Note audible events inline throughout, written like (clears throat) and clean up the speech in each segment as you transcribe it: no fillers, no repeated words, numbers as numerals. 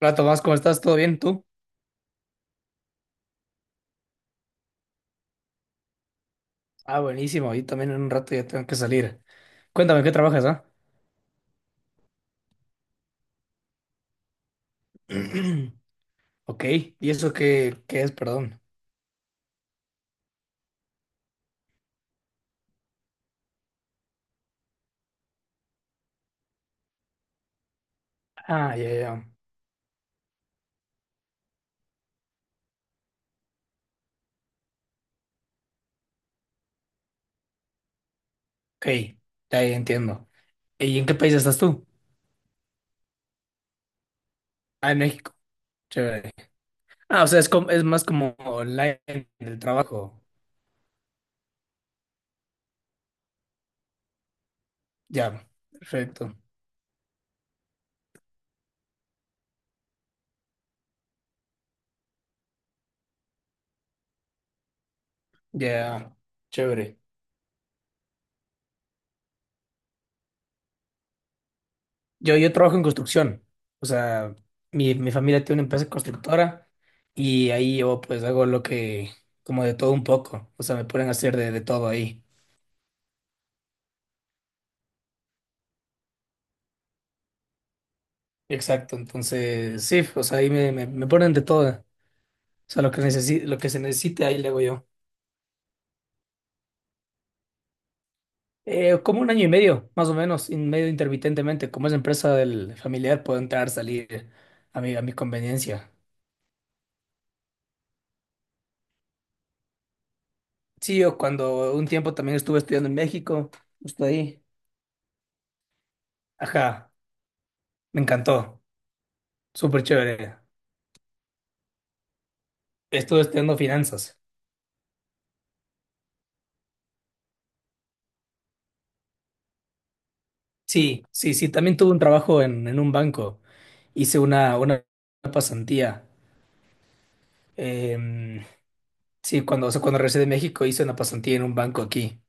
Hola Tomás, ¿cómo estás? ¿Todo bien? ¿Tú? Ah, buenísimo. Yo también en un rato ya tengo que salir. Cuéntame, ¿qué trabajas, ah? (clears throat) Ok, ¿y eso qué es? Perdón. Ah, ya, ya. Ok, ya, ya entiendo. ¿Y en qué país estás tú? Ah, en México. Chévere. Ah, o sea, es, como, es más como online el trabajo. Ya, perfecto. Ya, chévere. Yo trabajo en construcción. O sea, mi familia tiene una empresa constructora y ahí yo pues hago lo que, como de todo un poco. O sea, me ponen a hacer de todo ahí. Exacto. Entonces, sí, o sea, ahí me ponen de todo. O sea, lo que se necesite ahí le hago yo. Como un año y medio, más o menos, y medio intermitentemente. Como es empresa del familiar, puedo entrar, salir a mi conveniencia. Sí, yo cuando un tiempo también estuve estudiando en México, justo ahí. Ajá, me encantó. Súper chévere. Estuve estudiando finanzas. Sí, sí, sí. También tuve un trabajo en un banco. Hice una pasantía. Em, sí, cuando, o sea, cuando regresé de México hice una pasantía en un banco aquí,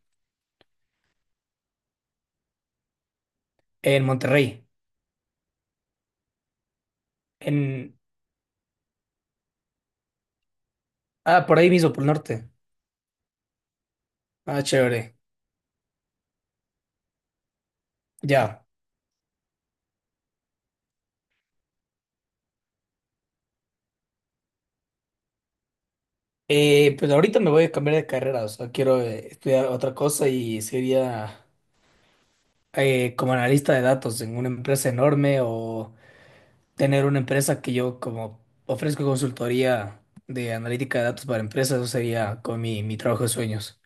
en Monterrey. En, ah, por ahí mismo, por el norte. Ah, chévere. Ya. Pues ahorita me voy a cambiar de carrera. O sea, quiero estudiar otra cosa y sería como analista de datos en una empresa enorme o tener una empresa que yo como ofrezco consultoría de analítica de datos para empresas, eso sería con mi trabajo de sueños.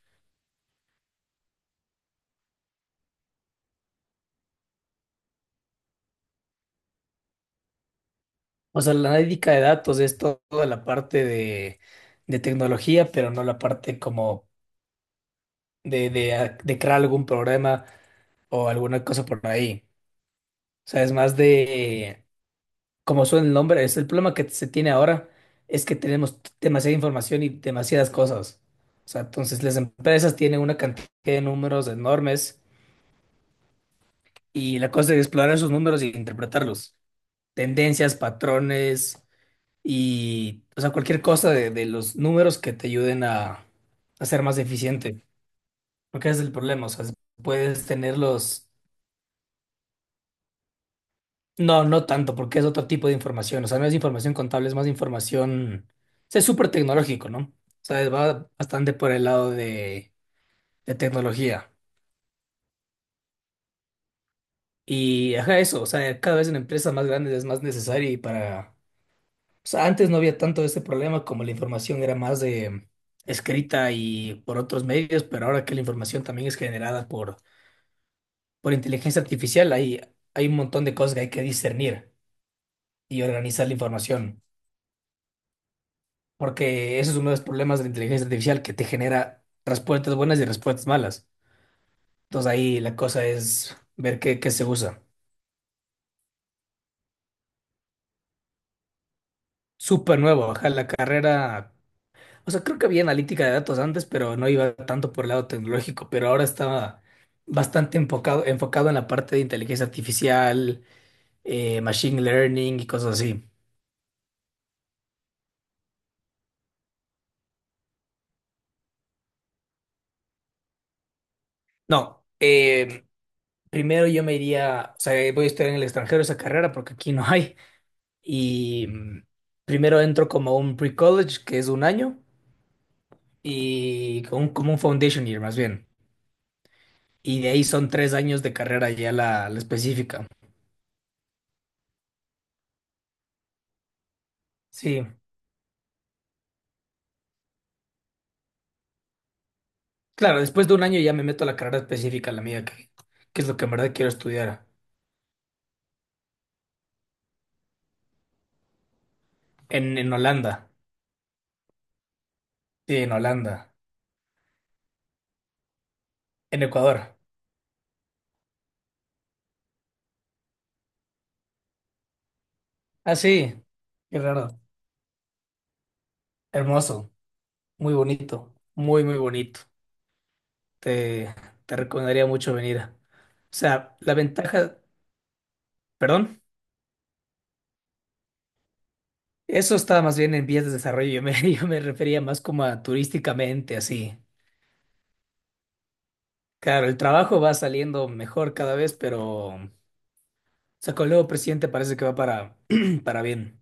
O sea, la analítica de datos es toda la parte de tecnología, pero no la parte como de crear algún programa o alguna cosa por ahí. O sea, es más de, como suena el nombre, es el problema que se tiene ahora, es que tenemos demasiada información y demasiadas cosas. O sea, entonces las empresas tienen una cantidad de números enormes. Y la cosa es explorar esos números e interpretarlos. Tendencias, patrones y, o sea, cualquier cosa de los números que te ayuden a ser más eficiente. Porque ese es el problema, o sea, puedes tenerlos... No, no tanto, porque es otro tipo de información. O sea, no es información contable, es más información... o sea, es súper tecnológico, ¿no? O sea, va bastante por el lado de tecnología. Y, ajá, eso, o sea, cada vez en empresas más grandes es más necesario y para... O sea, antes no había tanto ese problema como la información era más de escrita y por otros medios, pero ahora que la información también es generada por inteligencia artificial, hay un montón de cosas que hay que discernir y organizar la información, porque ese es uno de los problemas de la inteligencia artificial que te genera respuestas buenas y respuestas malas. Entonces ahí la cosa es ver qué se usa. Súper nuevo, ajá, la carrera. O sea, creo que había analítica de datos antes, pero no iba tanto por el lado tecnológico, pero ahora estaba bastante enfocado en la parte de inteligencia artificial, machine learning y cosas así. No, primero yo me iría, o sea, voy a estudiar en el extranjero esa carrera porque aquí no hay. Y primero entro como un pre-college, que es un año, y como un foundation year más bien. Y de ahí son 3 años de carrera ya la específica. Sí. Claro, después de un año ya me meto a la carrera específica, la mía, que es lo que en verdad quiero estudiar. En Holanda. Sí, en Holanda. En Ecuador. Ah, sí. Qué raro. Hermoso. Muy bonito. Muy, muy bonito. Te, te recomendaría mucho venir. O sea, la ventaja. Perdón. Eso estaba más bien en vías de desarrollo. Yo me, (laughs) yo me refería más como a turísticamente, así. Claro, el trabajo va saliendo mejor cada vez, pero. O sea, con el nuevo presidente parece que va para, (clears throat) para bien.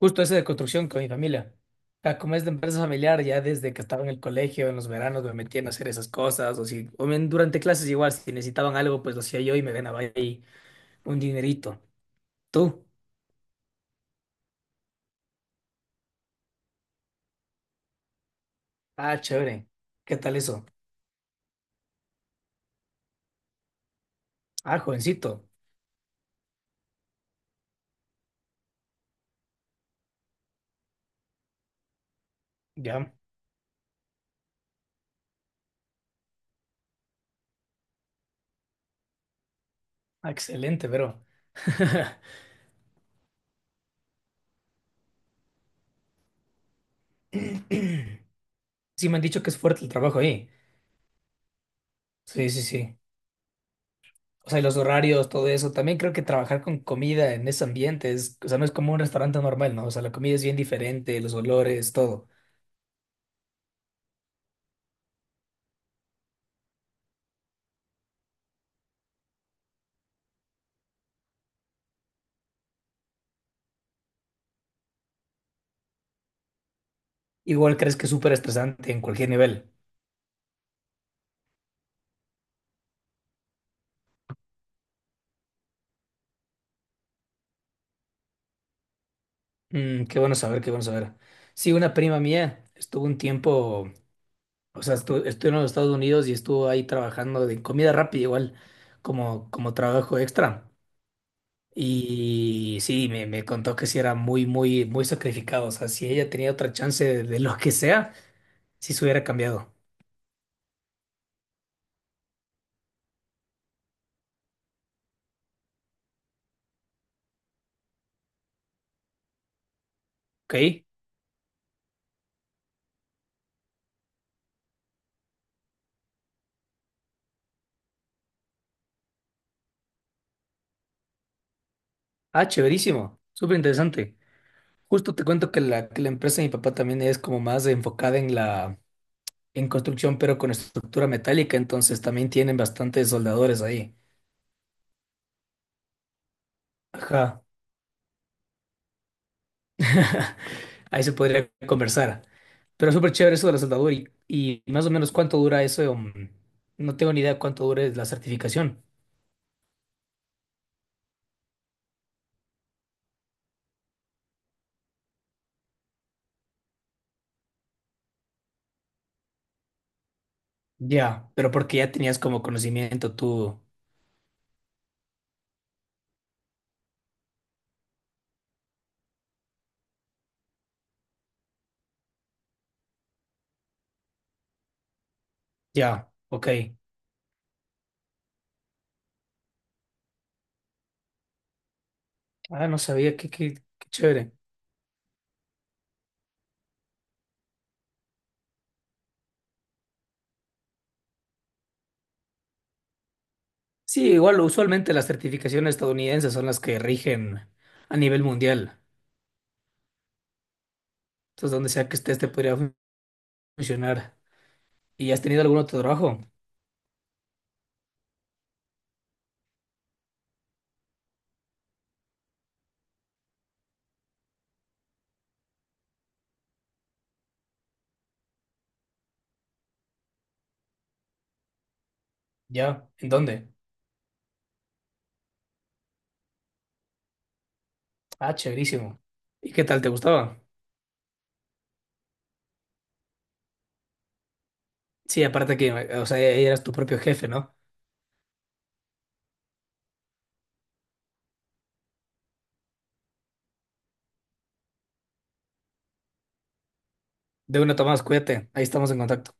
Justo ese de construcción con mi familia. O sea, como es de empresa familiar, ya desde que estaba en el colegio, en los veranos, me metían a no hacer esas cosas. O si, o bien durante clases igual, si necesitaban algo, pues lo hacía yo y me ganaba ahí un dinerito. ¿Tú? Ah, chévere. ¿Qué tal eso? Ah, jovencito. Ya, ah, excelente, pero. (clears throat) (laughs) Sí, me han dicho que es fuerte el trabajo ahí. Sí, sí, sí. O sea, y los horarios, todo eso. También creo que trabajar con comida en ese ambiente es, o sea, no es como un restaurante normal, ¿no? O sea, la comida es bien diferente, los olores, todo. Igual crees que es súper estresante en cualquier nivel. Mm, qué bueno saber, qué bueno saber. Sí, una prima mía estuvo un tiempo, o sea, estuvo en los Estados Unidos y estuvo ahí trabajando de comida rápida, igual, como trabajo extra. Y sí, me contó que sí era muy, muy, muy sacrificado. O sea, si ella tenía otra chance de lo que sea, sí se hubiera cambiado. ¿Ok? Ah, chéverísimo. Súper interesante. Justo te cuento que la empresa de mi papá también es como más enfocada en la en construcción, pero con estructura metálica, entonces también tienen bastantes soldadores ahí. Ajá. (laughs) Ahí se podría conversar. Pero súper chévere eso de la soldadura y más o menos cuánto dura eso. No tengo ni idea cuánto dure la certificación. Ya, pero porque ya tenías como conocimiento tú. Ya, ok. Ah, no sabía, qué chévere. Sí, igual usualmente las certificaciones estadounidenses son las que rigen a nivel mundial. Entonces, donde sea que estés, te podría funcionar. ¿Y has tenido algún otro trabajo? ¿Ya? ¿En dónde? Ah, chéverísimo. ¿Y qué tal? ¿Te gustaba? Sí, aparte que, o sea, eras tu propio jefe, ¿no? De una, Tomás, cuídate. Ahí estamos en contacto.